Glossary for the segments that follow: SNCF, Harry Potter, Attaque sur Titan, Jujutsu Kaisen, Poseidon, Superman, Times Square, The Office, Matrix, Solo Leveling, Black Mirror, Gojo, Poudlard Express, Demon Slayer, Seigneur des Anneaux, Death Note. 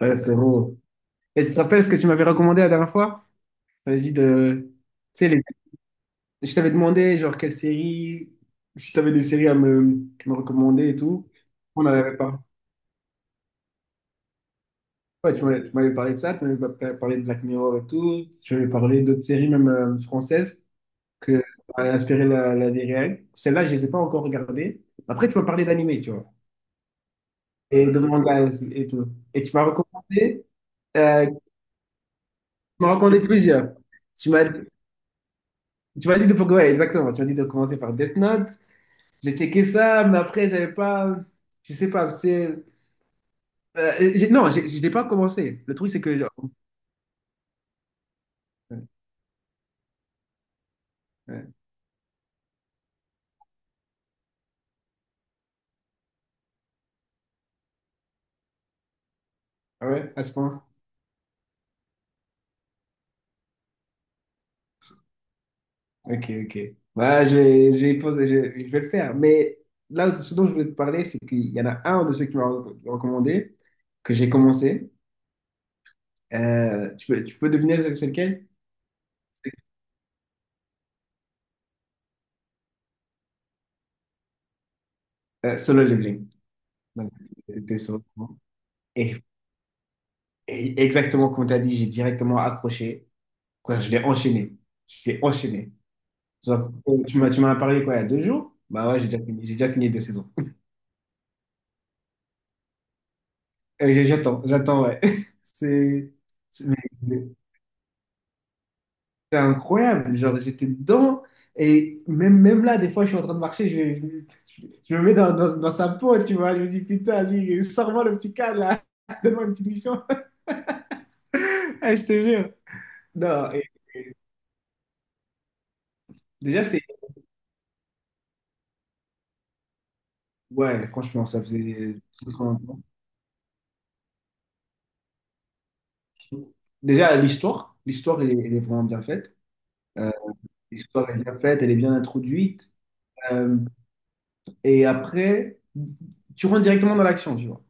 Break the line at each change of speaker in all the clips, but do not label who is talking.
Ouais, frérot. Et tu te rappelles ce que tu m'avais recommandé la dernière fois? Tu m'avais dit de. Tu sais, je t'avais demandé, genre, quelle série, si t'avais des séries à me recommander et tout. On n'en avait pas. Ouais, tu m'avais parlé de ça, tu m'avais parlé de Black Mirror et tout. Tu m'avais parlé d'autres séries, même françaises, que avaient inspiré la vie réelle. Celles-là, je ne les ai pas encore regardées. Après, tu m'as parlé d'animé, tu vois, et de manga et tout. Et tu m'as recommandé, Tu m'as recommandé plusieurs. Tu m'as dit Tu m'as dit de, ouais, exactement. Tu m'as dit de commencer par Death Note. J'ai checké ça, mais après, j'avais pas. Je sais pas. C'est, non, je n'ai pas commencé. Le truc, c'est que, genre, ouais, ouais. Ah ouais, à ce point. Ok, ok. Bah, je vais y poser, je vais le faire. Mais là, ce dont je voulais te parler, c'est qu'il y en a un de ceux que tu m'as recommandé, que j'ai commencé. Tu peux deviner c'est lequel? Solo Leveling. Donc, t'es sur le coup. Et, et exactement comme tu as dit, j'ai directement accroché. Quoi, je l'ai enchaîné. Je l'ai enchaîné. Genre, tu m'en as parlé quoi, il y a deux jours? Bah ouais, j'ai déjà fini. J'ai déjà fini deux saisons. J'attends, ouais. C'est c'est- mais- mais c'est incroyable. Genre, j'étais dedans. Et même, même là, des fois, je suis en train de marcher, je me mets dans sa peau, tu vois. Je me dis, putain, vas-y, sors-moi le petit cadre, là. Donne-moi une petite mission. Ah, je te jure. Non, et déjà, c'est. Ouais, franchement, ça faisait, c'est trop longtemps. Déjà, l'histoire, elle est vraiment bien faite. Euh, L'histoire est bien faite, elle est bien introduite. Euh, et après, tu rentres directement dans l'action, tu vois.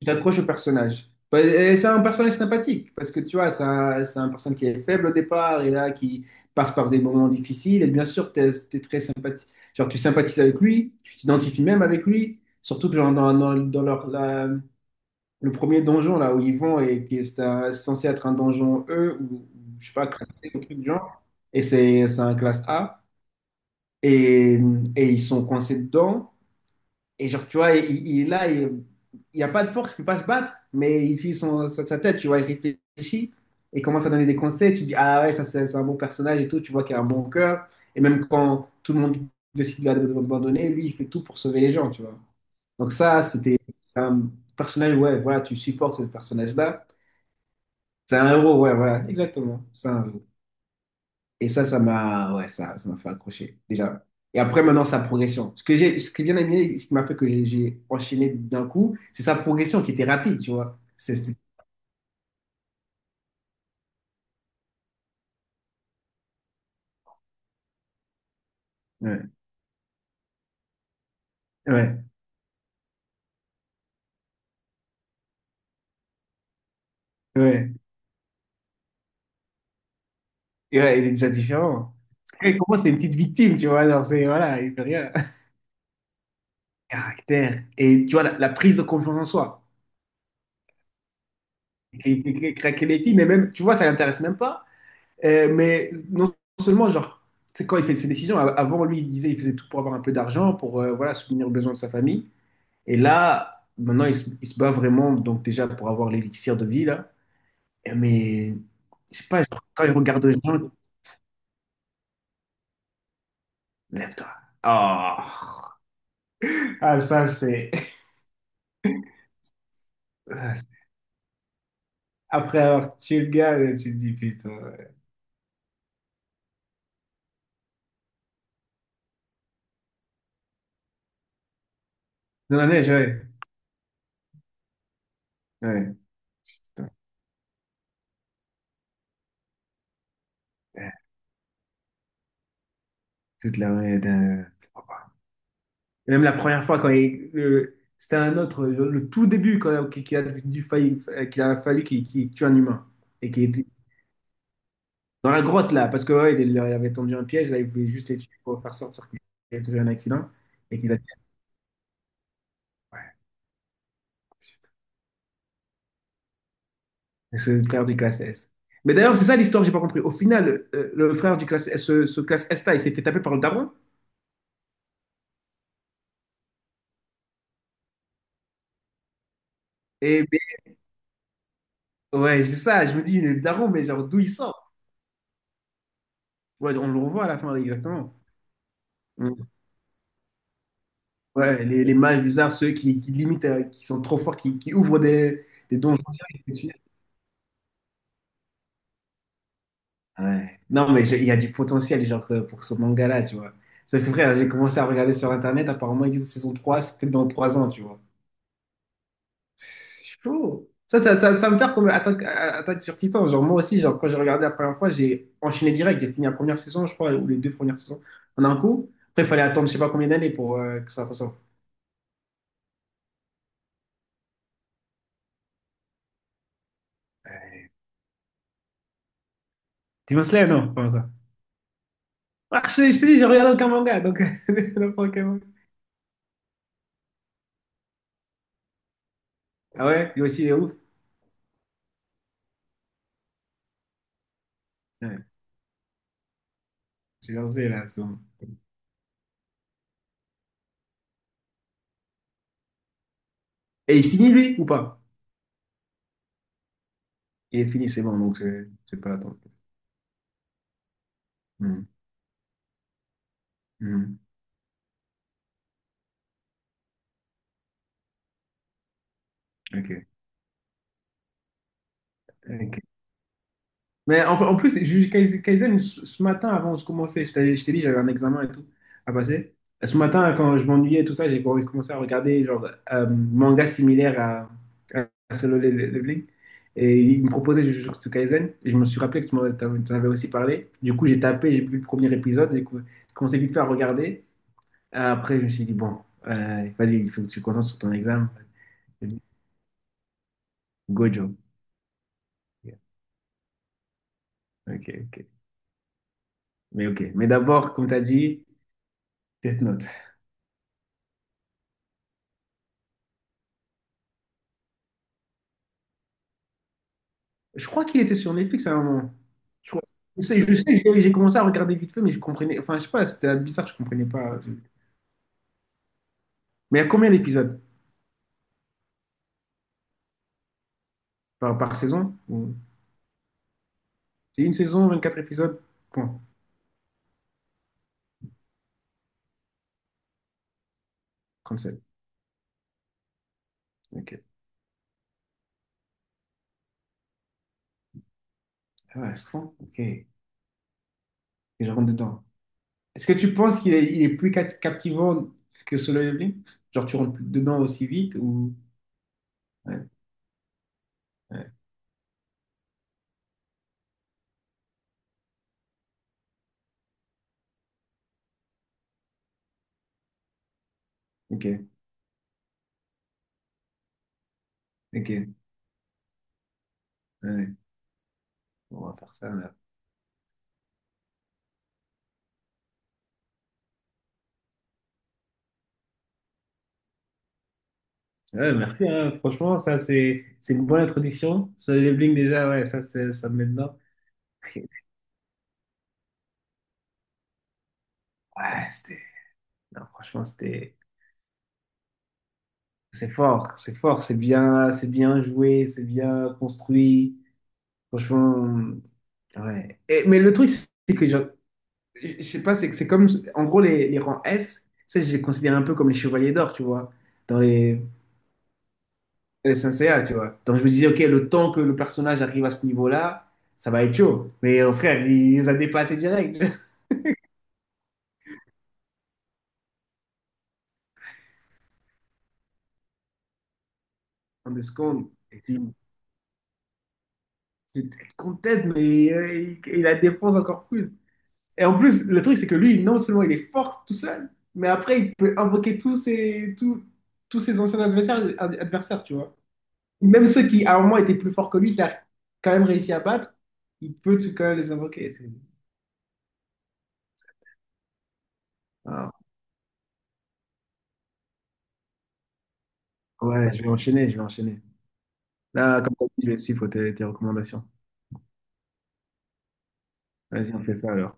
Tu t'accroches au personnage. Bah, et c'est un personnage sympathique, parce que tu vois, c'est un personnage qui est faible au départ, et là, qui passe par des moments difficiles. Et bien sûr, t'es es, très sympathique. Genre, tu sympathises avec lui, tu t'identifies même avec lui. Surtout que genre, dans le premier donjon, là, où ils vont, et qui est censé être un donjon E, ou je sais pas, classé, un truc du genre. Et c'est un classe A, et, et ils sont coincés dedans. Et genre, tu vois, il est là, et il n'y a pas de force qui peut pas se battre, mais il suit sa tête, tu vois, il réfléchit et commence à donner des conseils. Tu dis, ah ouais, ça c'est un bon personnage et tout, tu vois qu'il a un bon cœur. Et même quand tout le monde décide de l'abandonner, lui, il fait tout pour sauver les gens, tu vois. Donc ça, c'est un personnage, ouais, voilà, tu supportes ce personnage-là. C'est un héros, ouais, voilà, exactement. C'est un héros. Et ça, ça m'a fait accrocher, déjà. Et après, maintenant, sa progression. Ce qui est bien aimé, ce qui m'a fait que j'ai enchaîné d'un coup, c'est sa progression qui était rapide, tu vois. Ouais, ouais, ouais. Et ouais, il est déjà différent. Parce que, comment c'est une petite victime, tu vois. Genre, c'est, voilà, il fait rien. Caractère. Et tu vois, la prise de confiance en soi. Et il fait craquer les filles, mais même, tu vois, ça l'intéresse même pas. Mais non seulement, genre, c'est quand il fait ses décisions, avant, lui, il disait, il faisait tout pour avoir un peu d'argent, pour, voilà, subvenir aux besoins de sa famille. Et là, maintenant, il se bat vraiment, donc déjà pour avoir l'élixir de vie, là. Et mais, je sais pas, genre, quand il regarde les gens, lève-toi. Oh. Ah, ça, c'est. ça, c'est. Après avoir tué le gars, là, tu te dis putain. Ouais. Dans la neige, ouais. Ouais, putain. Ouais, Toute la ouais, d'un- oh, bah. Et même la première fois, c'était un autre, le tout début, quand, qu'il a fallu qu'il tue un humain. Et qui. Dans la grotte, là, parce que ouais, il leur avait tendu un piège, là, il voulait juste les tuer pour faire sortir qu'il faisait un accident et qu'ils a tué. Ouais, putain. Et c'est le frère du classe S. Mais d'ailleurs, c'est ça l'histoire, j'ai pas compris. Au final, le frère du classe S, ce classe S là, il s'est fait taper par le daron. Et mais, ouais, c'est ça, je me dis, le daron, mais genre d'où il sort? Ouais, on le revoit à la fin, exactement. Mm. Ouais, les mages bizarres, ceux qui limitent, qui sont trop forts, qui ouvrent des donjons. Ouais. Non, mais il y a du potentiel genre, pour ce manga-là, tu vois. Sauf que frère, j'ai commencé à regarder sur Internet, apparemment, ils disent saison 3 c'est peut-être dans 3 ans, tu vois. C'est chaud. Ça me fait comme Attaque sur Titan. Genre, moi aussi, genre, quand j'ai regardé la première fois, j'ai enchaîné direct. J'ai fini la première saison, je crois, ou les deux premières saisons en un coup. Après, il fallait attendre je sais pas combien d'années pour que ça ressorte. Demon Slayer, non? Pas encore. Ah, je te dis, je regarde aucun manga, donc n'importe quel manga. Ah ouais? Lui aussi, il est ouf. Ouais, j'ai lancé là, c'est bon. Et il finit, lui, ou pas? Il est fini, c'est bon, donc je n'ai pas l'attendre. Mhm. Mhm. Ok. Ok. Mais en plus, Kaizen, ce matin, avant de commencer, je t'ai dit, j'avais un examen et tout à passer. Ce matin, quand je m'ennuyais et tout ça, j'ai commencé à regarder genre manga similaire à Solo Leveling. Et il me proposait Jujutsu Kaisen. Et je me suis rappelé que t'en avais aussi parlé. Du coup, j'ai tapé, j'ai vu le premier épisode. J'ai commencé vite fait à regarder. Après, je me suis dit, bon, vas-y, il faut que tu te concentres sur ton examen. J'ai dit, Gojo. Ok, ok. Mais ok. Mais d'abord, comme tu as dit, Death Note. Je crois qu'il était sur Netflix à un moment. Je crois- je sais, que j'ai commencé à regarder vite fait, mais je comprenais. Enfin, je sais pas, c'était bizarre, je comprenais pas. Mais il y a combien d'épisodes par saison? Ou. C'est une saison, vingt-quatre épisodes? Point. Sept. Ok. Ah ouais, c'est bon. Ok. Et je rentre dedans. Est-ce que tu penses il est plus captivant que Solo Leveling? Genre, tu rentres plus dedans aussi vite ou. Ouais, ouais. Ok, ok. Ouais. Ouais. Bon, on va faire ça. Ouais, merci, hein. Franchement, ça, c'est une bonne introduction. Sur les Bling, déjà, ouais, ça, ça me met dedans. Ok. Ouais, c'était. Non, franchement, c'était. C'est fort, c'est fort, c'est bien joué, c'est bien construit. Franchement, ouais. Mais le truc, c'est que, genre, je sais pas, c'est que c'est comme. En gros, les rangs S, ça, je les considère un peu comme les chevaliers d'or, tu vois, dans les SNCA, tu vois. Donc, je me disais, OK, le temps que le personnage arrive à ce niveau-là, ça va être chaud. Mais frère, il les a dépassés direct. De secondes. Et tu te contentes, mais il la défense encore plus. Et en plus, le truc, c'est que lui, non seulement il est fort tout seul, mais après, il peut invoquer tous ses anciens adversaires, adversaires, tu vois. Même ceux qui, à un moment, étaient plus forts que lui, qu'il a quand même réussi à battre, il peut tout quand même les invoquer. C'est. Ah, ouais, je vais enchaîner, je vais enchaîner. Là, comme tu as dit, je vais suivre tes recommandations. Vas-y, on fait ça alors.